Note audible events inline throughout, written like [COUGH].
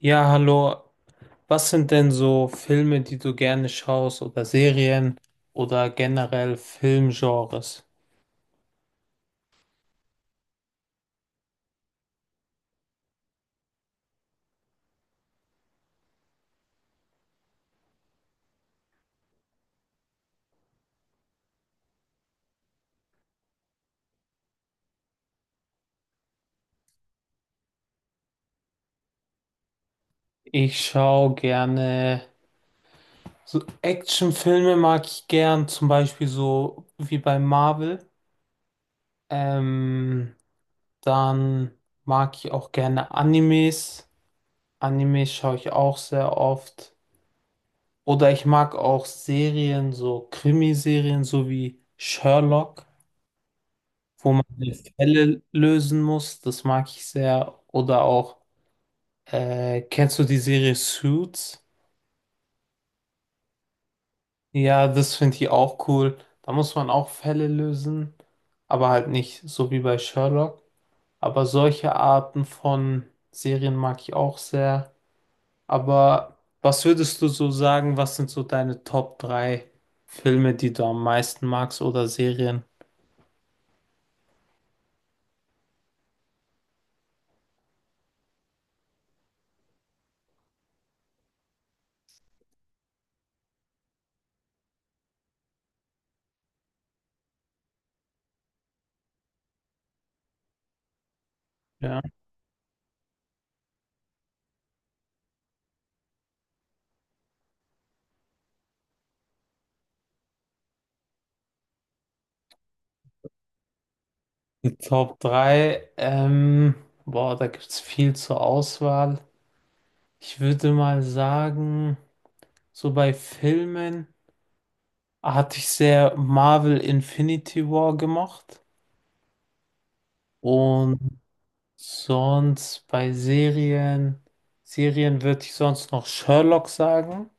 Ja, hallo. Was sind denn so Filme, die du gerne schaust oder Serien oder generell Filmgenres? Ich schaue gerne so Actionfilme mag ich gern, zum Beispiel so wie bei Marvel. Ähm, Dann mag ich auch gerne Animes. Animes schaue ich auch sehr oft. Oder ich mag auch Serien, so Krimiserien, so wie Sherlock, wo man die Fälle lösen muss. Das mag ich sehr. Oder auch, kennst du die Serie Suits? Ja, das finde ich auch cool. Da muss man auch Fälle lösen, aber halt nicht so wie bei Sherlock. Aber solche Arten von Serien mag ich auch sehr. Aber was würdest du so sagen, was sind so deine Top 3 Filme, die du am meisten magst oder Serien? Ja. Die Top 3. Boah, da gibt es viel zur Auswahl. Ich würde mal sagen, so bei Filmen hatte ich sehr Marvel Infinity War gemacht und sonst bei Serien würde ich sonst noch Sherlock sagen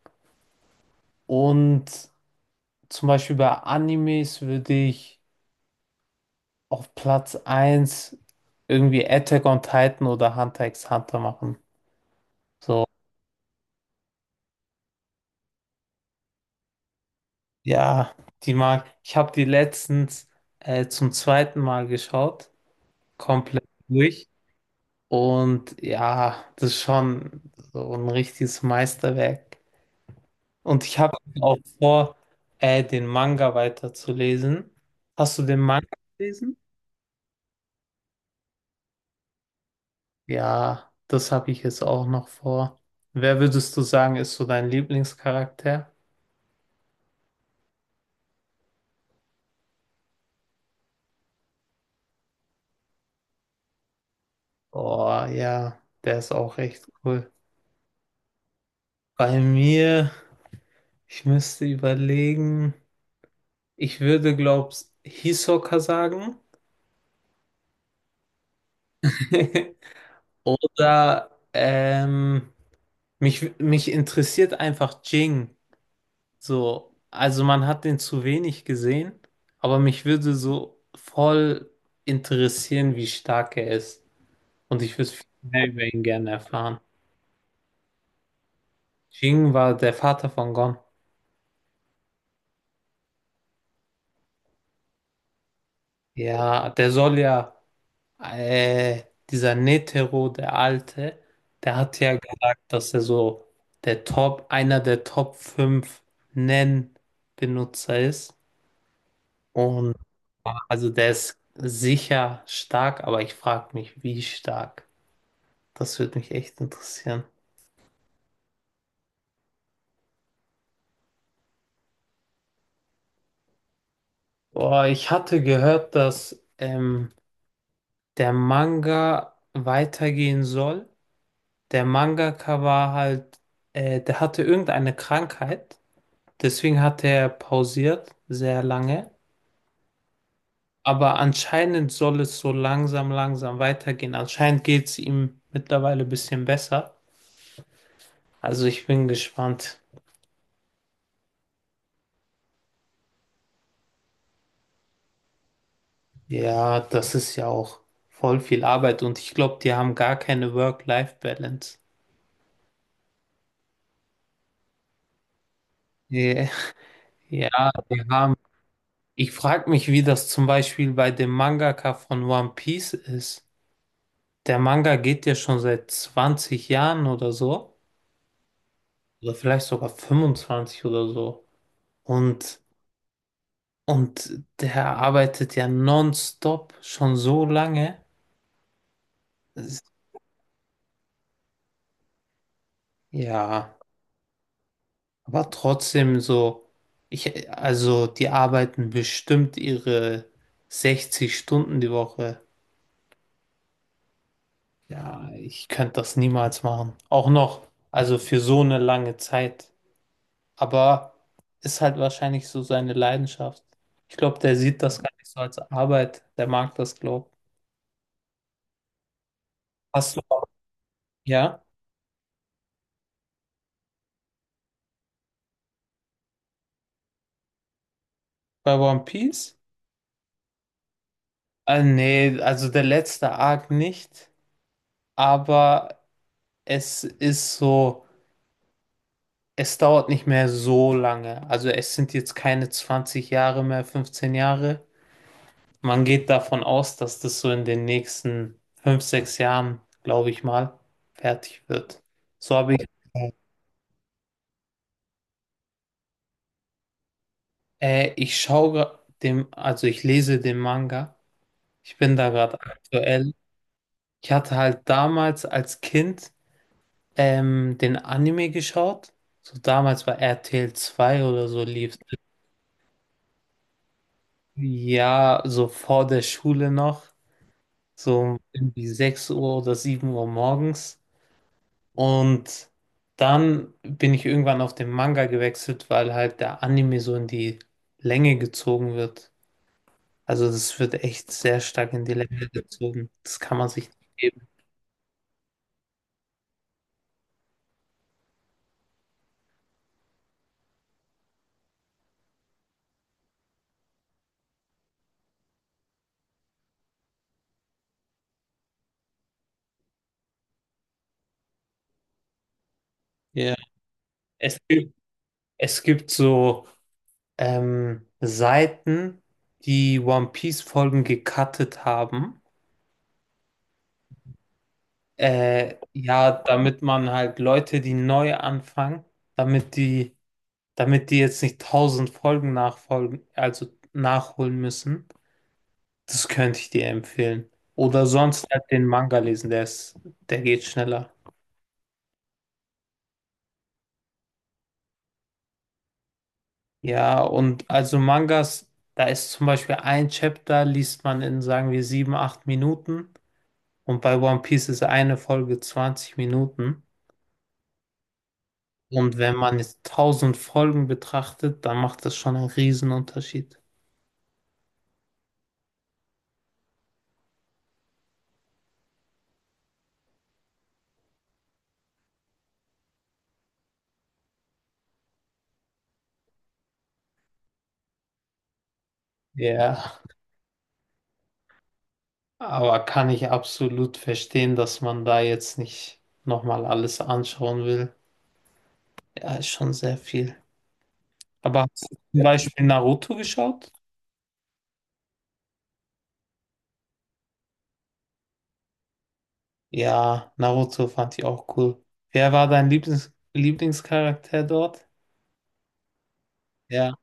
und zum Beispiel bei Animes würde ich auf Platz eins irgendwie Attack on Titan oder Hunter x Hunter machen. So, ja, die mag. Ich habe die letztens zum zweiten Mal geschaut, komplett durch. Und ja, das ist schon so ein richtiges Meisterwerk. Und ich habe auch vor, den Manga weiterzulesen. Hast du den Manga gelesen? Ja, das habe ich jetzt auch noch vor. Wer würdest du sagen, ist so dein Lieblingscharakter? Oh ja, der ist auch echt cool. Bei mir, ich müsste überlegen, ich würde, glaub's, Hisoka sagen. [LAUGHS] Oder mich interessiert einfach Jing. So, also man hat den zu wenig gesehen, aber mich würde so voll interessieren, wie stark er ist. Und ich würde viel mehr über ihn gerne erfahren. Jing war der Vater von Gon. Ja, der soll ja, äh, dieser Netero, der Alte, der hat ja gesagt, dass er so einer der Top 5 Nen-Benutzer ist. Und also der ist sicher stark, aber ich frage mich, wie stark. Das würde mich echt interessieren. Boah, ich hatte gehört, dass der Manga weitergehen soll. Der Mangaka war halt, der hatte irgendeine Krankheit. Deswegen hat er pausiert sehr lange. Aber anscheinend soll es so langsam, langsam weitergehen. Anscheinend geht es ihm mittlerweile ein bisschen besser. Also ich bin gespannt. Ja, das ist ja auch voll viel Arbeit und ich glaube, die haben gar keine Work-Life-Balance. Yeah. Ja, die haben. Ich frage mich, wie das zum Beispiel bei dem Mangaka von One Piece ist. Der Manga geht ja schon seit 20 Jahren oder so, oder vielleicht sogar 25 oder so. Und, und der arbeitet ja nonstop schon so lange. Es- Ja. Aber trotzdem so, also die arbeiten bestimmt ihre 60 Stunden die Woche. Ja, ich könnte das niemals machen. Auch noch, also für so eine lange Zeit. Aber ist halt wahrscheinlich so seine Leidenschaft. Ich glaube, der sieht das gar nicht so als Arbeit. Der mag das, glaube ich. Hast du, ja, bei One Piece? Nee, also der letzte Arc nicht. Aber es ist so. Es dauert nicht mehr so lange. Also es sind jetzt keine 20 Jahre mehr, 15 Jahre. Man geht davon aus, dass das so in den nächsten 5, 6 Jahren, glaube ich mal, fertig wird. So habe ich, ich schaue dem, also ich lese den Manga. Ich bin da gerade aktuell. Ich hatte halt damals als Kind den Anime geschaut. So damals bei RTL 2 oder so lief. Ja, so vor der Schule noch, so irgendwie 6 Uhr oder 7 Uhr morgens. Und dann bin ich irgendwann auf den Manga gewechselt, weil halt der Anime so in die Länge gezogen wird. Also das wird echt sehr stark in die Länge gezogen. Das kann man sich nicht geben. Ja. Es gibt, es gibt so Seiten, die One Piece-Folgen gecuttet haben. Ja, damit man halt Leute, die neu anfangen, damit die damit die jetzt nicht 1.000 Folgen nachfolgen, also nachholen müssen. Das könnte ich dir empfehlen. Oder sonst halt den Manga lesen, der geht schneller. Ja, und also Mangas, da ist zum Beispiel ein Chapter, liest man in, sagen wir, sieben, acht Minuten. Und bei One Piece ist eine Folge 20 Minuten. Und wenn man jetzt 1.000 Folgen betrachtet, dann macht das schon einen Riesenunterschied. Ja. Aber kann ich absolut verstehen, dass man da jetzt nicht nochmal alles anschauen will. Ja, ist schon sehr viel. Aber hast du zum, ja, Beispiel Naruto geschaut? Ja, Naruto fand ich auch cool. Wer war dein Lieblingscharakter dort? Ja.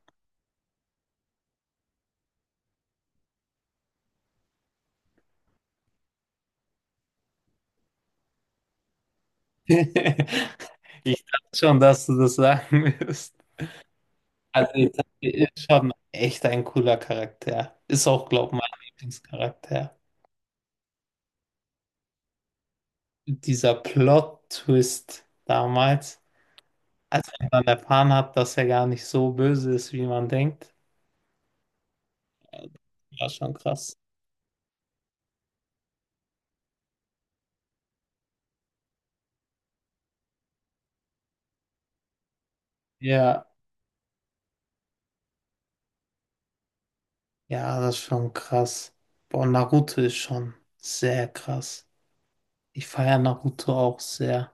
[LAUGHS] Ich dachte schon, dass du das sagen wirst. Also Itachi ist schon echt ein cooler Charakter. Ist auch, glaube ich, mein Lieblingscharakter. Dieser Plot-Twist damals. Als ich dann erfahren habe, dass er gar nicht so böse ist, wie man denkt, war schon krass. Ja, ja, das ist schon krass. Boah, Naruto ist schon sehr krass. Ich feiere Naruto auch sehr.